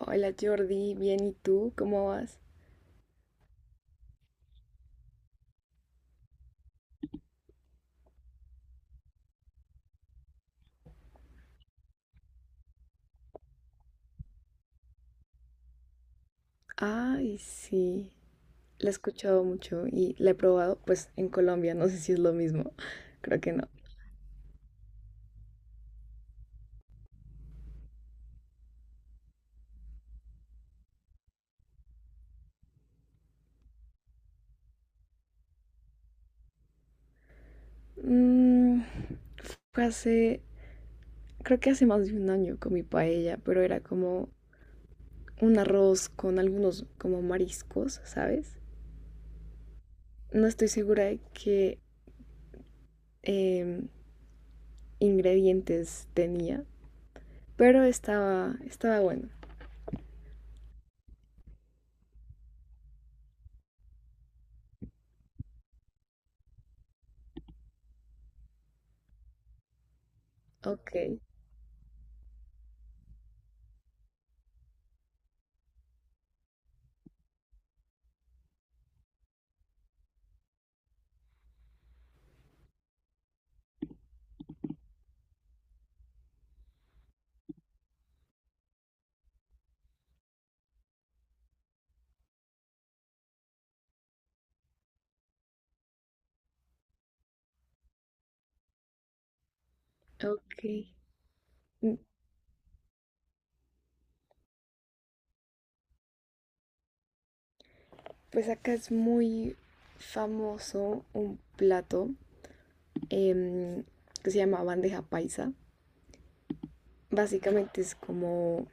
Hola Jordi, bien, ¿y tú? ¿Cómo vas? Ay, sí, la he escuchado mucho y la he probado, pues en Colombia, no sé si es lo mismo, creo que no. Mm, fue hace, creo que hace más de un año comí paella, pero era como un arroz con algunos como mariscos, ¿sabes? No estoy segura de qué em, ingredientes tenía, pero estaba bueno. Ok, ok. Pues acá es muy famoso un plato em, que se llama bandeja paisa. Básicamente es como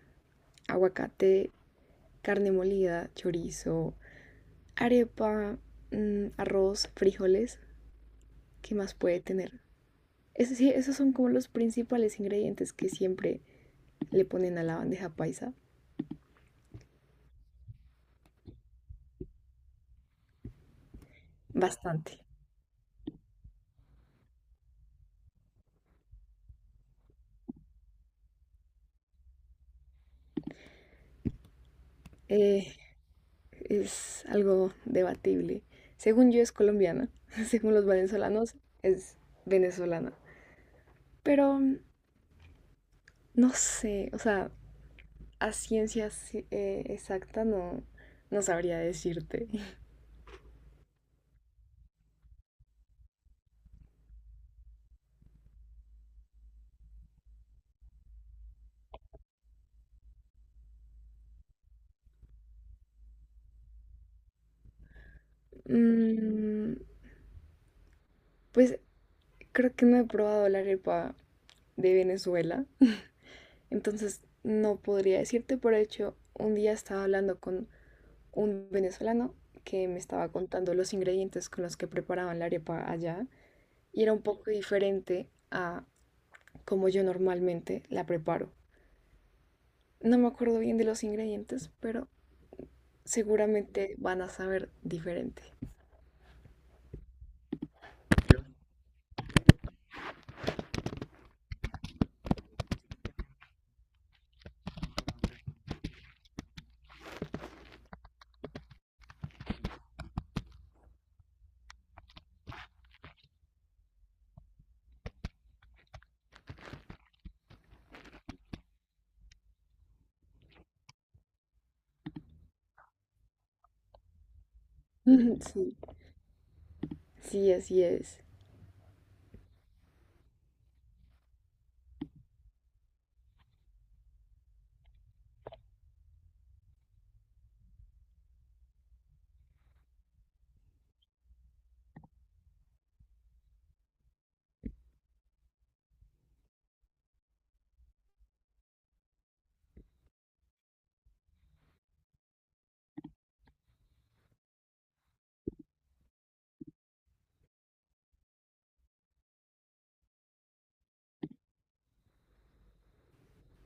aguacate, carne molida, chorizo, arepa, arroz, frijoles. ¿Qué más puede tener? Es decir, esos son como los principales ingredientes que siempre le ponen a la bandeja paisa. Bastante. Eh, es algo debatible. Según yo es colombiana, según los venezolanos es venezolana. Pero no sé, o sea, a ciencia si, exacta no, no sabría decirte. Mm, pues creo que no he probado la arepa de Venezuela, entonces no podría decirte. Por hecho, un día estaba hablando con un venezolano que me estaba contando los ingredientes con los que preparaban la arepa allá y era un poco diferente a como yo normalmente la preparo. No me acuerdo bien de los ingredientes, pero seguramente van a saber diferente. Sí, sí, así es.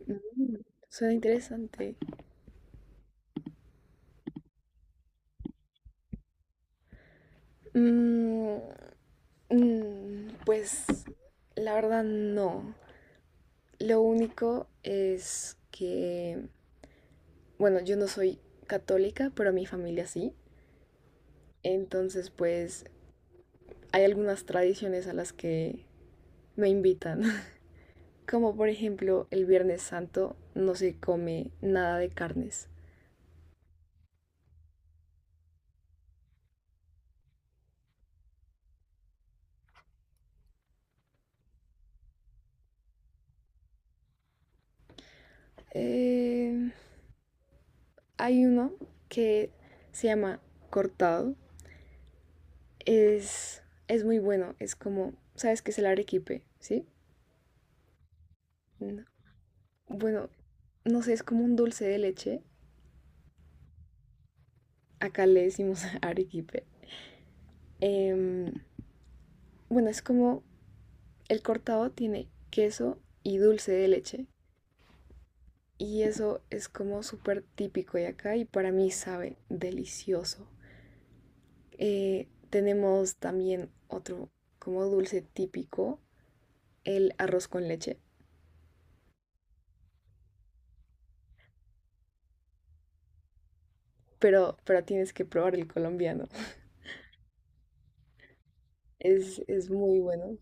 Mm, suena interesante. Mm, mm, pues la verdad no. Lo único es que, bueno, yo no soy católica, pero mi familia sí. Entonces, pues hay algunas tradiciones a las que me invitan. Como por ejemplo el Viernes Santo no se come nada de carnes. Eh, hay uno que se llama cortado. Es, es muy bueno. Es como, ¿sabes qué es el arequipe? ¿Sí? No. Bueno, no sé, es como un dulce de leche. Acá le decimos arequipe. Em, bueno, es como el cortado tiene queso y dulce de leche. Y eso es como súper típico de acá y para mí sabe delicioso. Tenemos también otro como dulce típico, el arroz con leche, pero tienes que probar el colombiano. Es muy bueno.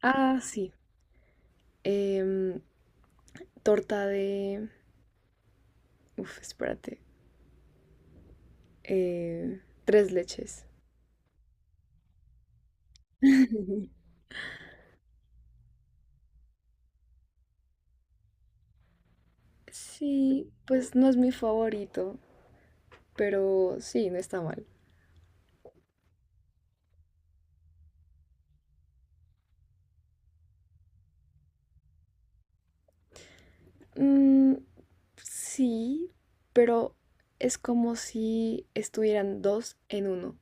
Ah, sí. em, torta de... Uf, espérate. Tres leches. Sí, pues no es mi favorito, pero sí, no está mal. Mm, sí, pero es como si estuvieran dos en uno.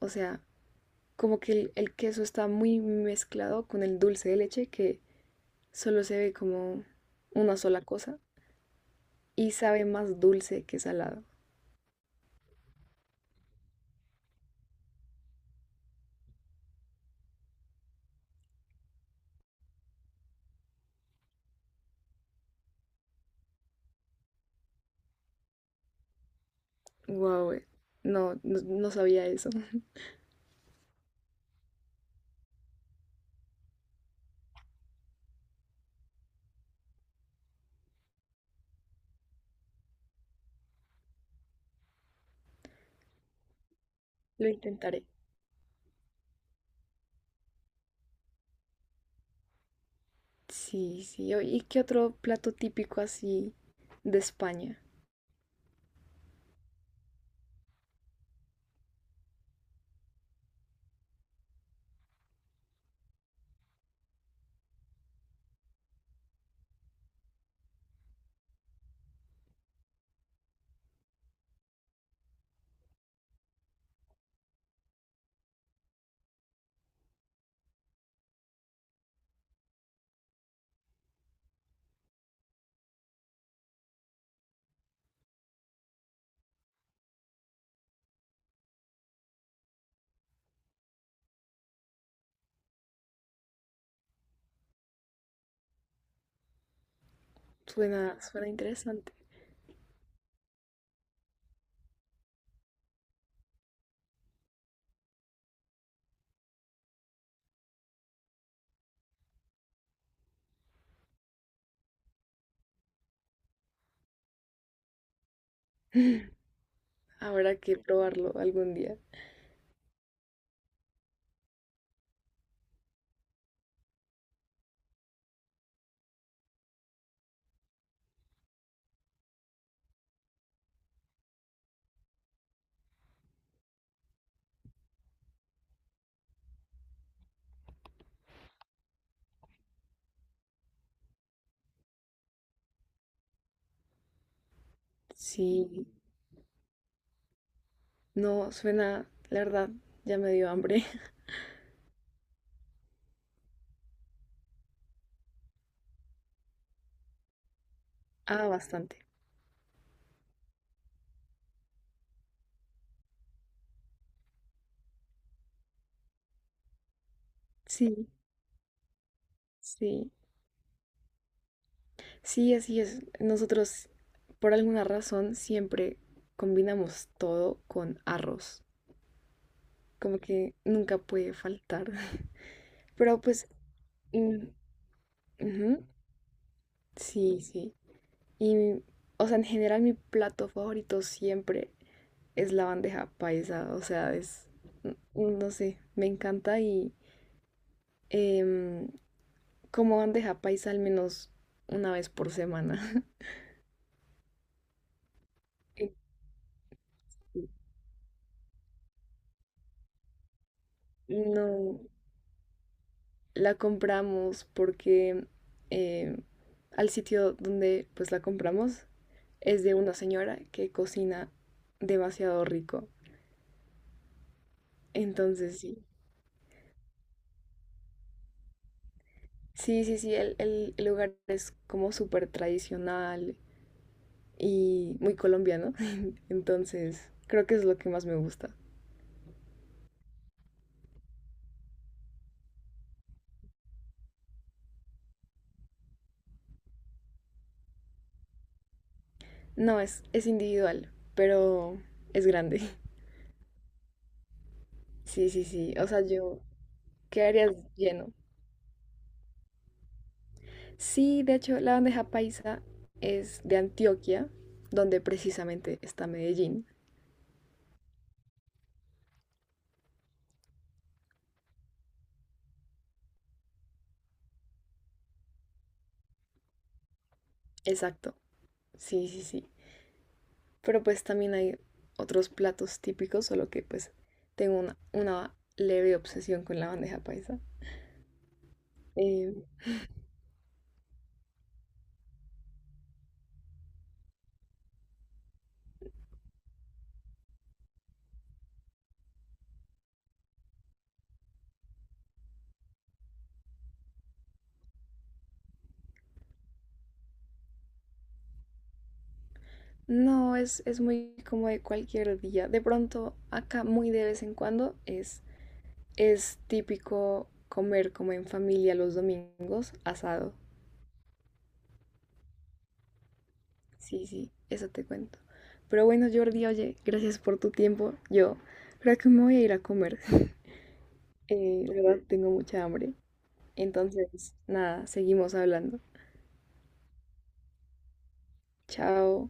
O sea, como que el queso está muy mezclado con el dulce de leche que solo se ve como una sola cosa y sabe más dulce que salado. Wow, no, no, no sabía eso. Lo intentaré. Sí, sí. o- ¿Y qué otro plato típico así de España? Suena, suena interesante. Habrá que probarlo algún día. Sí, no, suena, la verdad, ya me dio hambre. Ah, bastante. Sí, sí. Sí, así es. Nosotros, por alguna razón, siempre combinamos todo con arroz. Como que nunca puede faltar. Pero pues, mm, ujú, sí, sí. Y, o sea, en general mi plato favorito siempre es la bandeja paisa. O sea, es, n- no sé, me encanta y em, como bandeja paisa al menos una vez por semana. Y- no, la compramos porque eh, al sitio donde pues la compramos es de una señora que cocina demasiado rico. Entonces sí, sí, sí, sí, el lugar es como súper tradicional y muy colombiano. Entonces creo que es lo que más me gusta. No, es individual, pero es grande. Sí, sí, sí. O sea, yo quedaría lleno. Sí, de hecho, la bandeja paisa es de Antioquia, donde precisamente está Medellín. Exacto, sí, sí, sí. Pero pues también hay otros platos típicos, solo que pues tengo una leve obsesión con la bandeja paisa. Eh, no, es muy como de cualquier día. De pronto, acá muy de vez en cuando es típico comer como en familia los domingos asado. Sí, sí, eso te cuento. Pero bueno, Jordi, oye, gracias por tu tiempo. Yo creo que me voy a ir a comer. La verdad, tengo mucha hambre. Entonces, nada, seguimos hablando. Chao.